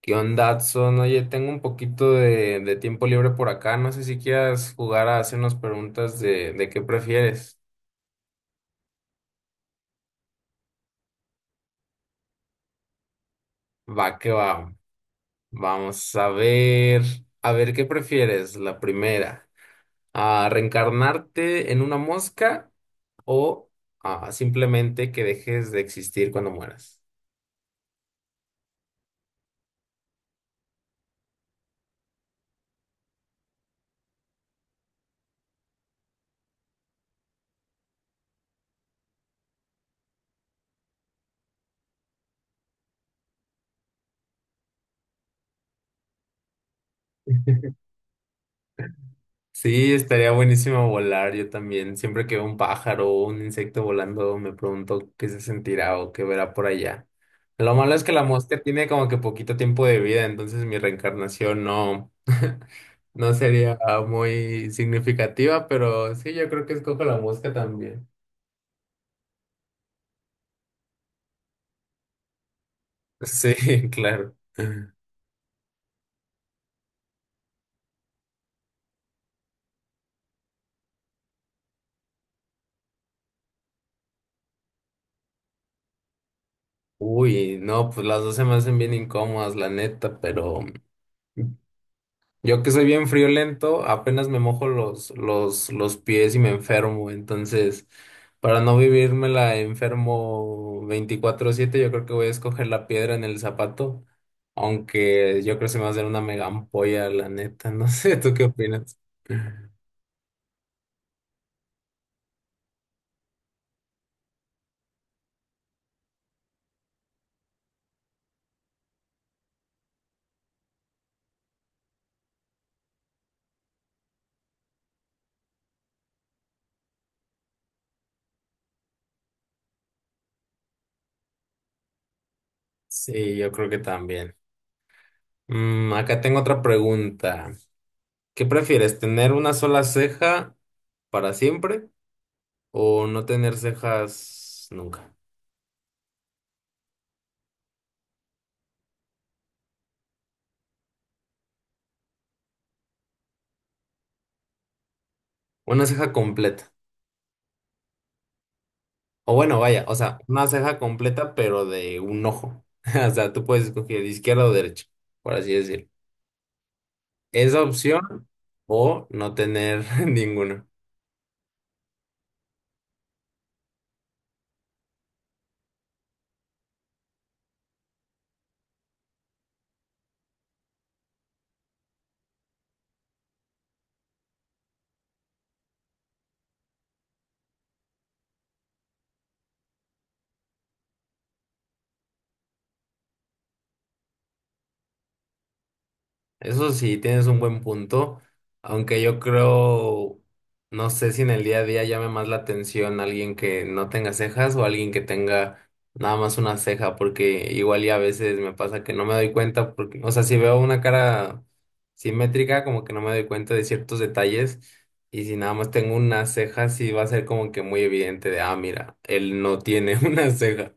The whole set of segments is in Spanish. ¿Qué onda, Adson? Oye, tengo un poquito de tiempo libre por acá. No sé si quieras jugar a hacernos preguntas de qué prefieres. Va, que va. Vamos a ver. A ver, ¿qué prefieres? La primera. ¿A reencarnarte en una mosca o simplemente que dejes de existir cuando mueras? Sí, estaría buenísimo volar. Yo también, siempre que veo un pájaro o un insecto volando, me pregunto qué se sentirá o qué verá por allá. Lo malo es que la mosca tiene como que poquito tiempo de vida, entonces mi reencarnación no, no sería muy significativa, pero sí, yo creo que escojo la mosca también. Sí, claro. Uy, no, pues las dos se me hacen bien incómodas, la neta, pero yo, que soy bien friolento, apenas me mojo los pies y me enfermo. Entonces, para no la enfermo 24/7, yo creo que voy a escoger la piedra en el zapato. Aunque yo creo que se me va a hacer una mega ampolla, la neta. No sé, ¿tú qué opinas? Sí, yo creo que también. Acá tengo otra pregunta. ¿Qué prefieres, tener una sola ceja para siempre o no tener cejas nunca? Una ceja completa. O bueno, vaya, o sea, una ceja completa, pero de un ojo. O sea, tú puedes escoger izquierda o derecha, por así decirlo. Esa opción o no tener ninguna. Eso sí, tienes un buen punto, aunque yo creo, no sé si en el día a día llame más la atención alguien que no tenga cejas o alguien que tenga nada más una ceja, porque igual y a veces me pasa que no me doy cuenta, porque, o sea, si veo una cara simétrica, como que no me doy cuenta de ciertos detalles, y si nada más tengo una ceja, sí va a ser como que muy evidente de, ah, mira, él no tiene una ceja.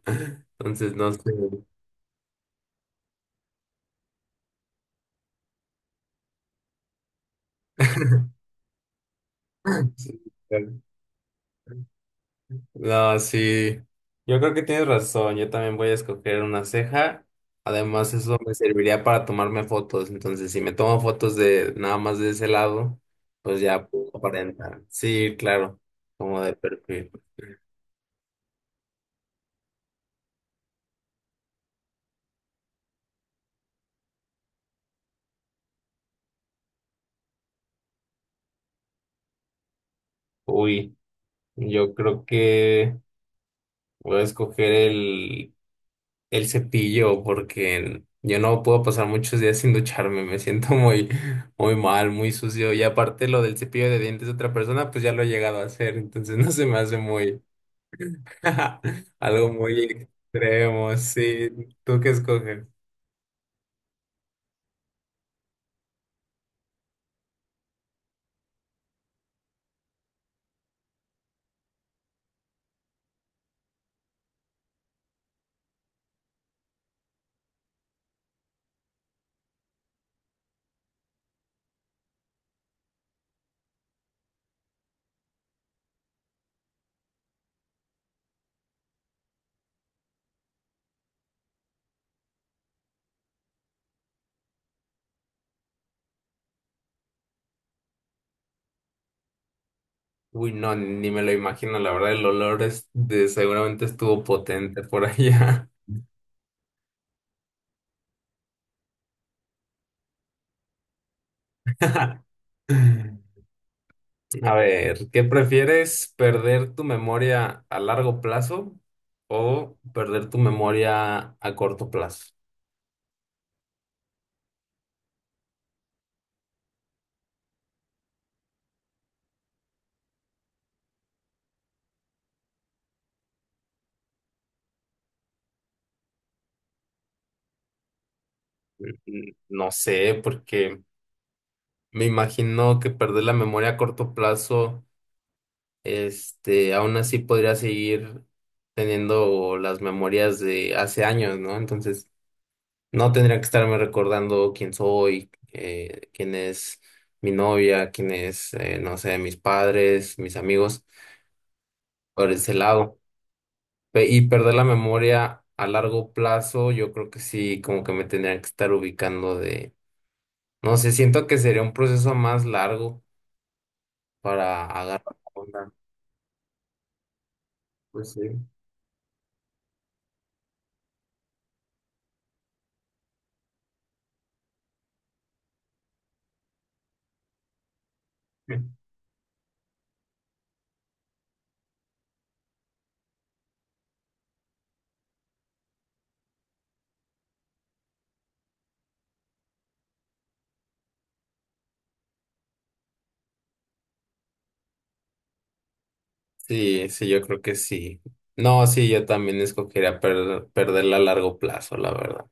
Entonces, no sé. No, sí. Yo creo que tienes razón. Yo también voy a escoger una ceja. Además, eso me serviría para tomarme fotos. Entonces, si me tomo fotos de nada más de ese lado, pues ya puedo aparentar. Sí, claro, como de perfil. Uy, yo creo que voy a escoger el cepillo, porque yo no puedo pasar muchos días sin ducharme. Me siento muy, muy mal, muy sucio. Y aparte, lo del cepillo de dientes de otra persona, pues ya lo he llegado a hacer. Entonces, no se me hace muy algo muy extremo, sí. ¿Tú qué escoges? Uy, no, ni me lo imagino. La verdad, el olor es de, seguramente estuvo potente por allá. A ver, ¿qué prefieres? ¿Perder tu memoria a largo plazo o perder tu memoria a corto plazo? No sé, porque me imagino que perder la memoria a corto plazo, este, aún así podría seguir teniendo las memorias de hace años, ¿no? Entonces, no tendría que estarme recordando quién soy, quién es mi novia, quién es, no sé, mis padres, mis amigos, por ese lado. Y perder la memoria a largo plazo, yo creo que sí, como que me tendría que estar ubicando de, no sé, siento que sería un proceso más largo para agarrar la onda. Pues sí. Sí, sí, yo creo que sí. No, sí, yo también escogería perder, perderla a largo plazo, la verdad.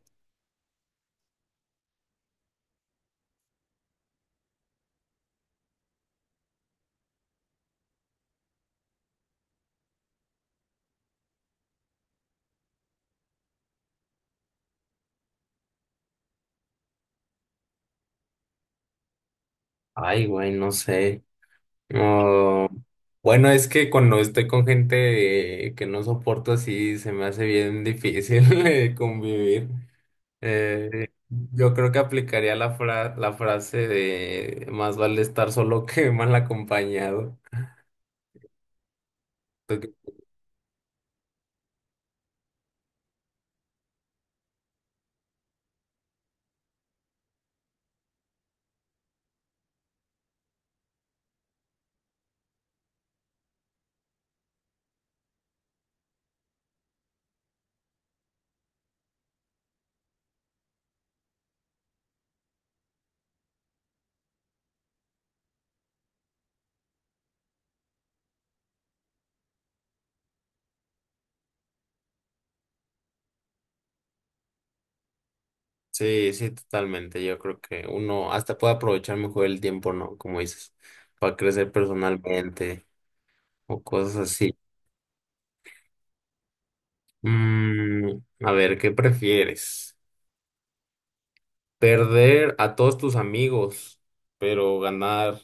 Ay, güey, no sé. No. Bueno, es que cuando estoy con gente que no soporto así, se me hace bien difícil convivir. Eh, yo creo que aplicaría la la frase de más vale estar solo que mal acompañado. Sí, sí, totalmente. Yo creo que uno hasta puede aprovechar mejor el tiempo, ¿no? Como dices, para crecer personalmente o cosas así. Mm, a ver, ¿qué prefieres? ¿Perder a todos tus amigos, pero ganar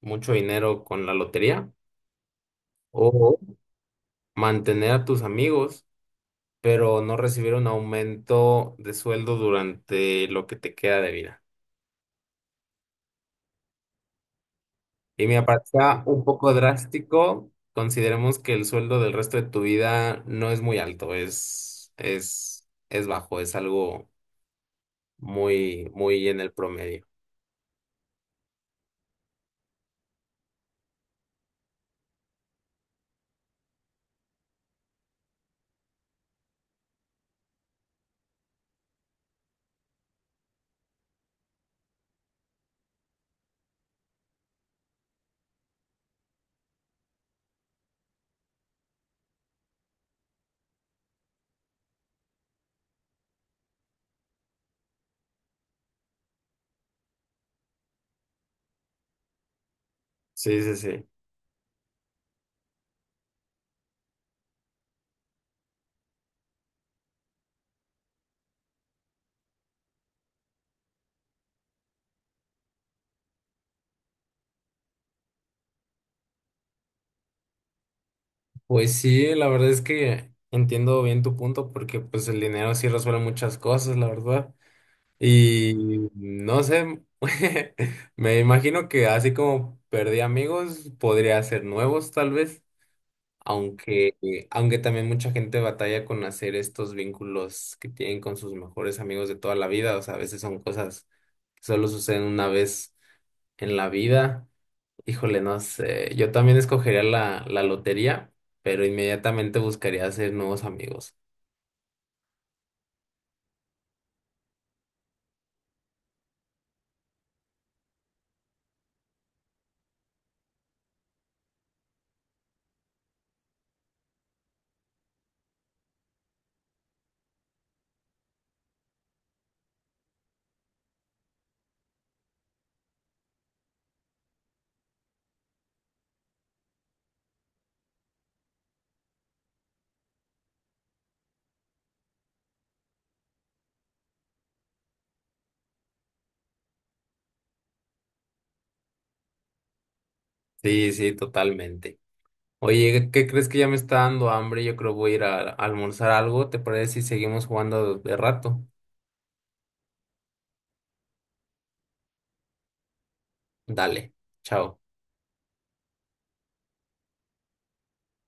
mucho dinero con la lotería? ¿O mantener a tus amigos, pero no recibir un aumento de sueldo durante lo que te queda de vida? Y me parecía un poco drástico. Consideremos que el sueldo del resto de tu vida no es muy alto, es bajo, es algo muy, muy en el promedio. Sí, sí, sí. Pues sí, la verdad es que entiendo bien tu punto, porque pues el dinero sí resuelve muchas cosas, la verdad. Y no sé, me imagino que así como perdí amigos, podría hacer nuevos tal vez. Aunque, aunque también mucha gente batalla con hacer estos vínculos que tienen con sus mejores amigos de toda la vida, o sea, a veces son cosas que solo suceden una vez en la vida. Híjole, no sé, yo también escogería la lotería, pero inmediatamente buscaría hacer nuevos amigos. Sí, sí, totalmente. Oye, ¿qué crees? Que ya me está dando hambre. Yo creo voy a ir a almorzar algo. ¿Te parece si seguimos jugando de rato? Dale, chao.